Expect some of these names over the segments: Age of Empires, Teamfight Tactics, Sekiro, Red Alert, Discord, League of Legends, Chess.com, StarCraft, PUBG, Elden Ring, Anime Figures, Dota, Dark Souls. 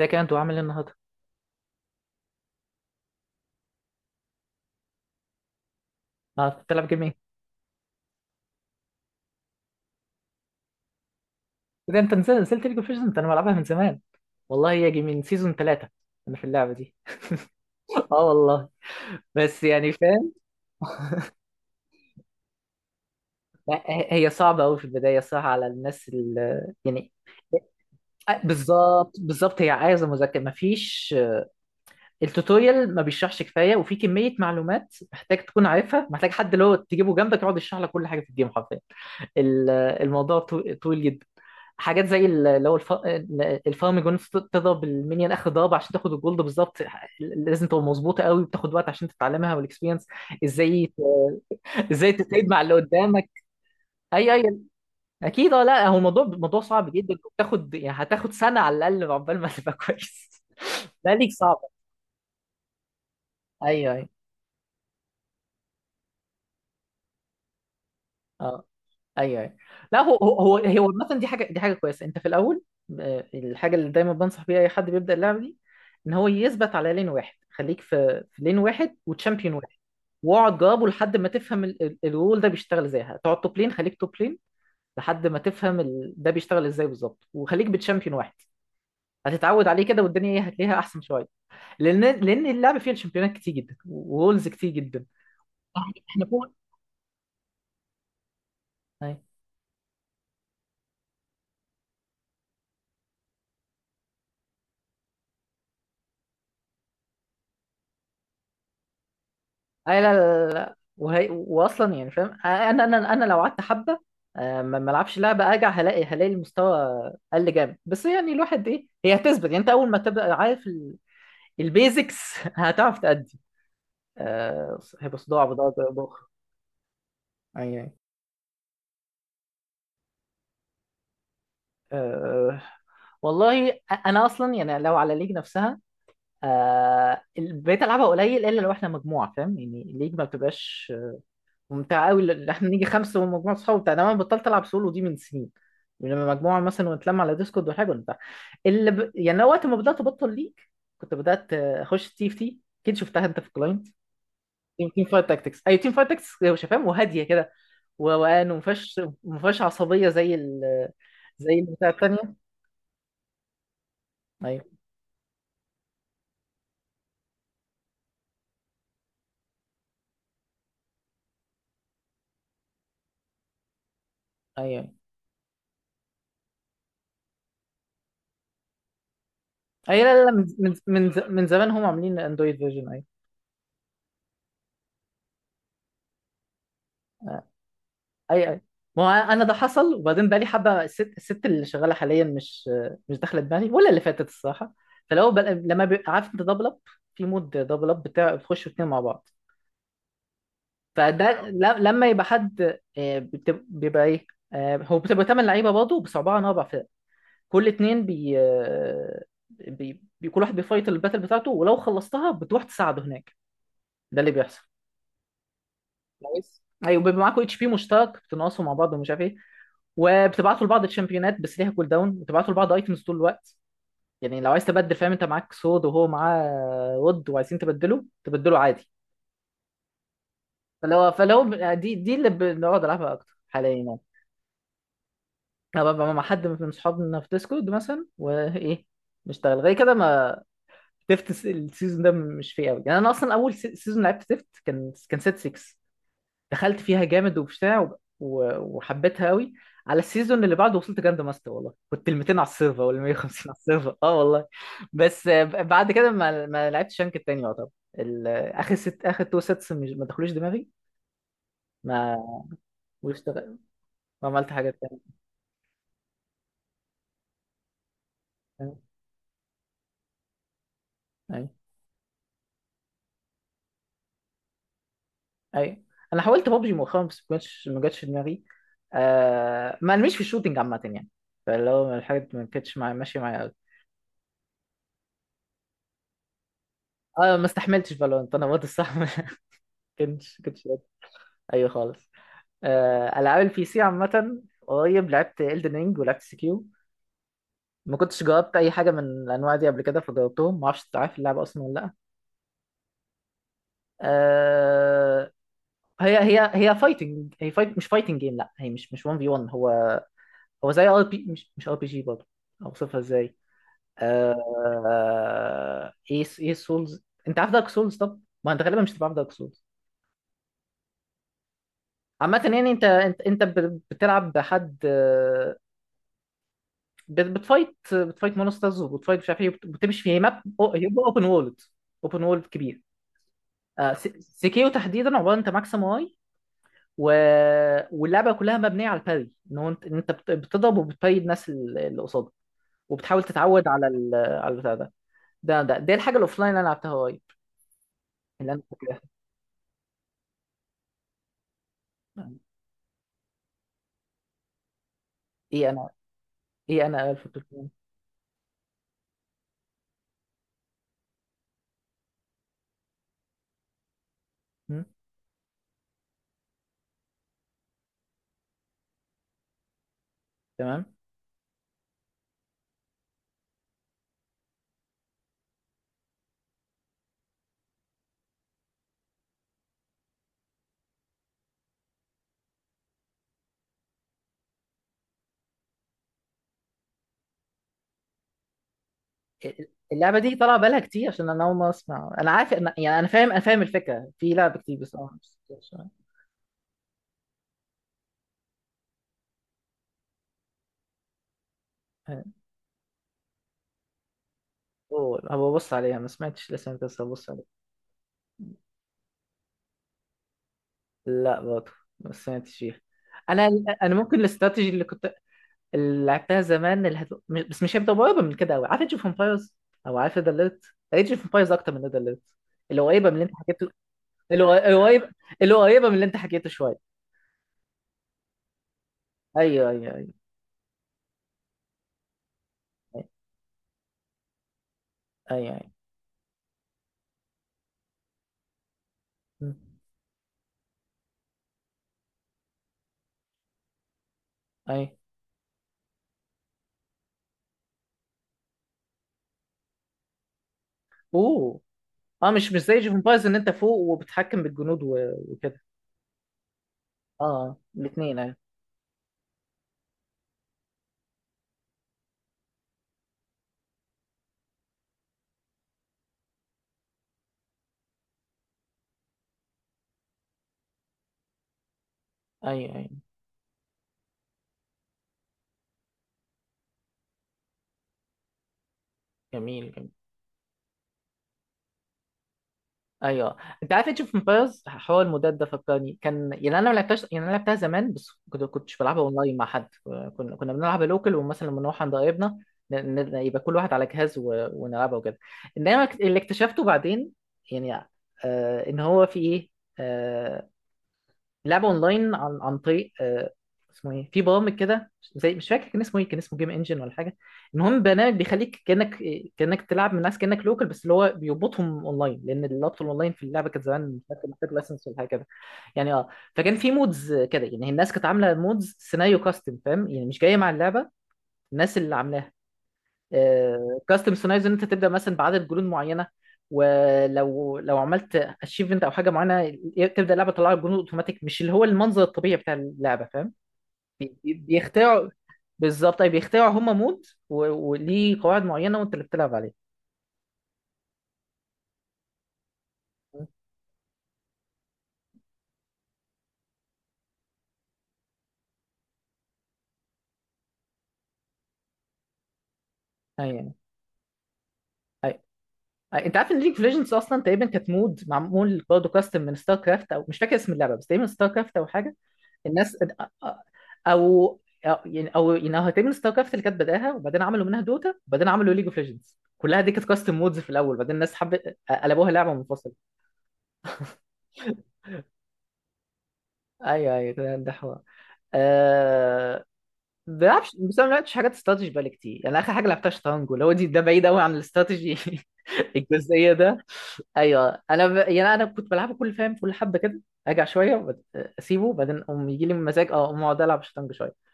ازيك يا انت وعامل ايه النهارده؟ اه كنت بتلعب جيم ايه؟ ده انت نزلت ليج اوف ليجندز، انا بلعبها من زمان والله، يجي من سيزون ثلاثة انا في اللعبة دي. اه والله، بس يعني فاهم. ه- هي صعبة قوي في البداية، صح؟ على الناس اللي يعني بالظبط بالظبط، هي عايزة مذاكرة. مفيش التوتوريال، ما بيشرحش كفايه، وفي كميه معلومات محتاج تكون عارفها، محتاج حد اللي هو تجيبه جنبك يقعد يشرح لك كل حاجه في الجيم حرفيا. ال- الموضوع طويل جدا. حاجات زي اللي هو الفارم جون، تضرب المينيون اخر ضربه عشان تاخد الجولد بالظبط. لازم تبقى مظبوطه قوي، وبتاخد وقت عشان تتعلمها، والاكسبيرينس ازاي، ازاي تتعامل مع اللي قدامك. اي اي، اكيد، اه. لا هو موضوع صعب جدا، وبتاخد يعني هتاخد سنه على الاقل عقبال ما تبقى كويس. لا ليك صعبه. ايوه ايوه، اه ايوه ايوه. لا هو مثلا، دي حاجه، دي حاجه كويسه انت في الاول. الحاجه اللي دايما بنصح بيها اي حد بيبدا اللعبه دي، ان هو يثبت على لين واحد. خليك في لين واحد وتشامبيون واحد، واقعد جربه لحد ما تفهم الرول ده بيشتغل ازاي. هتقعد توب لين، خليك توب لين لحد ما تفهم ده بيشتغل ازاي بالظبط، وخليك بتشامبيون واحد. هتتعود عليه كده، والدنيا ايه، هتلاقيها احسن شويه. لان اللعبه فيها الشامبيونات كتير جدا ورولز كتير جدا. احنا فوق. اي، لا لا لا لا. واصلا يعني فاهم، انا لو قعدت حبه، ما العبش لعبه، ارجع هلاقي المستوى قل جامد، بس يعني الواحد ايه، هي هتثبت. يعني انت اول ما تبقى عارف البيزكس هتعرف تأدي. هيبقى صداع بضرب باخر. اي اي. أه... والله، انا اصلا يعني لو على الليج نفسها، بقيت العبها قليل الا لو احنا مجموعه. فاهم يعني الليج ما بتبقاش ممتع قوي اللي احنا نيجي خمسه من مجموعه صحاب بتاع ده. انا بطلت العب سولو دي من سنين. يعني لما مجموعه مثلا ونتلم على ديسكورد وحاجه وبتاع، يعني أنا وقت ما بدات ابطل ليج كنت بدات اخش تي اف تي، اكيد شفتها انت في الكلاينت. تيم فايت تاكتكس، اي، تيم فايت تاكتكس، هو شفاهم وهاديه كده وروقان، وما فيهاش ما فيهاش عصبيه زي ال، زي البتاع التانيه. ايوه ايوه ايوه. أيوة، لا لا لا، من من زمان هم عاملين اندرويد فيرجن. ايوه، اي اي. ما هو انا ده حصل، وبعدين بقى لي حبه، الست اللي شغاله حاليا مش، مش داخله دماغي ولا اللي فاتت الصراحه. فلو بقى لما بيبقى عارف انت دبل اب، في مود دبل اب بتاع، بتخشوا اتنين مع بعض. فده اه، لما يبقى حد بيبقى ايه، هو بتبقى تمن لعيبه برضه، بس عباره عن اربع فرق، كل اتنين بي كل واحد بيفايت الباتل بتاعته، ولو خلصتها بتروح تساعده هناك. ده اللي بيحصل. نايس، ايوه، بيبقى معاكوا اتش بي مشترك، بتنقصوا مع بعض ومش عارف ايه، وبتبعتوا لبعض الشامبيونات بس ليها كول داون، وتبعتوا لبعض ايتمز طول الوقت. يعني لو عايز تبدل، فاهم؟ انت معاك سود وهو معاه ود وعايزين تبدله، تبدله عادي. فلو دي، اللي بنقعد نلعبها اكتر حاليا يعني. انا ببقى مع حد من صحابنا في ديسكورد مثلا وايه، نشتغل غير كده. ما تفت السيزون ده مش فيه قوي، يعني انا اصلا اول سيزون لعبت تفت كان سيت 6، دخلت فيها جامد وبتاع، وحبيتها قوي. على السيزون اللي بعده وصلت جراند ماستر، والله كنت ال 200 على السيرفر ولا 150 على السيرفر، اه والله. بس بعد كده ما لعبتش رانك التاني يعتبر. اخر ست، اخر تو سيتس، مش، ما دخلوش دماغي. ما، واشتغل، ما عملت حاجات تانية. اي اي. انا حاولت بابجي مؤخرا بس ما جاتش، ما جاتش دماغي. آه، ما مش في الشوتينج عامه يعني. فاللي هو الحاجات ما كانتش معايا، ماشيه معايا قوي. اه، ما استحملتش فالورانت انا برضه الصح. ما كنتش قادر. ايوه خالص. العاب البي سي عامه، قريب لعبت Elden Ring ولعبت سكيو. ما كنتش جربت اي حاجه من الانواع دي قبل كده، فجربتهم. ما اعرفش، عارف اللعبه اصلا ولا لا؟ أه، هي فايتنج، هي فايت، مش فايتنج جيم، لا، هي مش، مش 1 في 1. هو هو زي ار بي، مش مش ار بي جي برضه. اوصفها ازاي؟ أه، ايه ايه، سولز، انت عارف دارك سولز؟ طب ما انت غالبا مش تبقى عارف دارك سولز. عامة يعني انت بتلعب بحد، بتفايت مونسترز، وبتفايت مش عارف ايه، بتمشي في ماب اوبن وورلد، اوبن وورلد كبير. آه، س- سيكيو تحديدا، عباره انت ماكسيم واي و... واللعبه كلها مبنيه على الباري، ان هو انت، بتضرب وبتباري الناس اللي قصادك، وبتحاول تتعود على على البتاع ده. ده دي الحاجه الاوفلاين اللي انا لعبتها قريب، اللي انا فاكرها. ايه انا، ايه انا 1300. مم، تمام. اللعبه دي طالعه بالها كتير، عشان انا اول مره اسمع. انا عارف، انا يعني انا فاهم، انا فاهم الفكره في لعبه كتير، بس أنا ما شفتهاش. أوه، هبقى ابص عليها، ما سمعتش لسه انت، بس هبص عليها. لا برضه ما سمعتش فيها. انا، انا ممكن الاستراتيجي اللي كنت، اللي لعبتها زمان، اللي بس مش هيبدا قريبه من كده قوي، عارف ايج اوف امبايرز؟ او عارف ريد اليرت؟ ايج اوف امبايرز اكتر من ريد اليرت اللي قريبه من اللي انت حكيته. اللي قر- قريبه، اللي قريبه من اللي انت حكيته شويه. ايوه ايوه ايوه، ايوه ايوه. م. ايوه. اوه، اه مش، مش زي ايج اوف امبايرز ان انت فوق وبتحكم بالجنود وكده. اه الاثنين، ايوه ايوه ايوه. جميل جميل. ايوه، انت عارف ايج اوف امبايرز، حوار المودات ده فكرني، كان يعني انا ما لعبتهاش، يعني انا لعبتها زمان بس كنت، كنتش بلعبها اونلاين مع حد. كنا بنلعب لوكال، ومثلا لما نروح عند قرايبنا، ن- يبقى كل واحد على جهاز ونلعبها وكده. انما اللي اكتشفته بعدين يعني، آه، ان هو في ايه، آه، لعبه اونلاين عن طريق اسمه ايه، في برامج كده زي، مش فاكر كان اسمه ايه، كان اسمه جيم انجن ولا حاجه. المهم برنامج بيخليك كانك، كانك تلعب من ناس كانك لوكال، بس اللي هو بيربطهم اونلاين، لان اللابط الاونلاين في اللعبه كانت زمان، مش فاكر، محتاج لايسنس ولا حاجه كده. يعني اه. فكان في مودز كده، يعني الناس كانت عامله مودز سيناريو كاستم، فاهم يعني مش جايه مع اللعبه، الناس اللي عاملاها كاستم سيناريوز، ان انت تبدا مثلا بعدد جنود معينه، ولو عملت اتشيفمنت او حاجه معينه، تبدا اللعبه تطلع لك جنود اوتوماتيك، مش اللي هو المنظر الطبيعي بتاع اللعبه، فاهم؟ بيخترعوا، بالظبط، اي بيخترعوا هم مود، وليه قواعد معينه، وانت اللي بتلعب عليه. ايوه ايوه. انت عارف ان ليج اوف ليجندز اصلا تقريبا كانت مود معمول برضه كاستم من ستار كرافت، او مش فاكر اسم اللعبه، بس تقريبا ستار كرافت او حاجه. الناس، او يعني، او يعني هتعمل ستار كرافت اللي كانت بداها، وبعدين عملوا منها دوتا، وبعدين عملوا ليج اوف ليجندز. كلها دي كانت كاستم مودز في الاول، بعدين الناس حبت، قلبوها لعبه منفصله. ايوه ايوه، ده حوار. آه... بلعبش، بس أنا ما لعبتش حاجات استراتيجي بقالي كتير. يعني اخر حاجه لعبتها شطرنج، اللي هو دي، ده بعيد قوي عن الاستراتيجي. الجزئيه ده. ايوه، يعني انا كنت بلعبه كل، فاهم كل حبه كده، ارجع شويه، اسيبه، بعدين اقوم يجي لي مزاج، اه اقوم اقعد العب شطرنج شويه.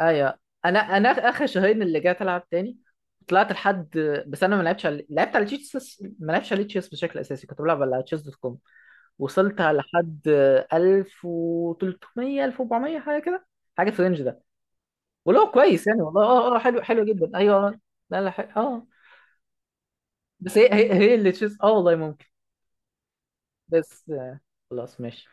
ايوه، انا اخر شهرين اللي جيت العب تاني، طلعت لحد، بس انا ما لعبتش على، لعبت على تشيس، ما لعبتش على تشيس بشكل اساسي، كنت بلعب على تشيس دوت كوم. وصلت لحد 1300، 1400 حاجه كده، حاجه في الرينج ده. ولو كويس يعني والله، اه اه، حلو حلو جدا، ايوه. لا لا، حلو. اه، بس هي هي، هي اللي تشيس، اه والله ممكن. بس خلاص ماشي.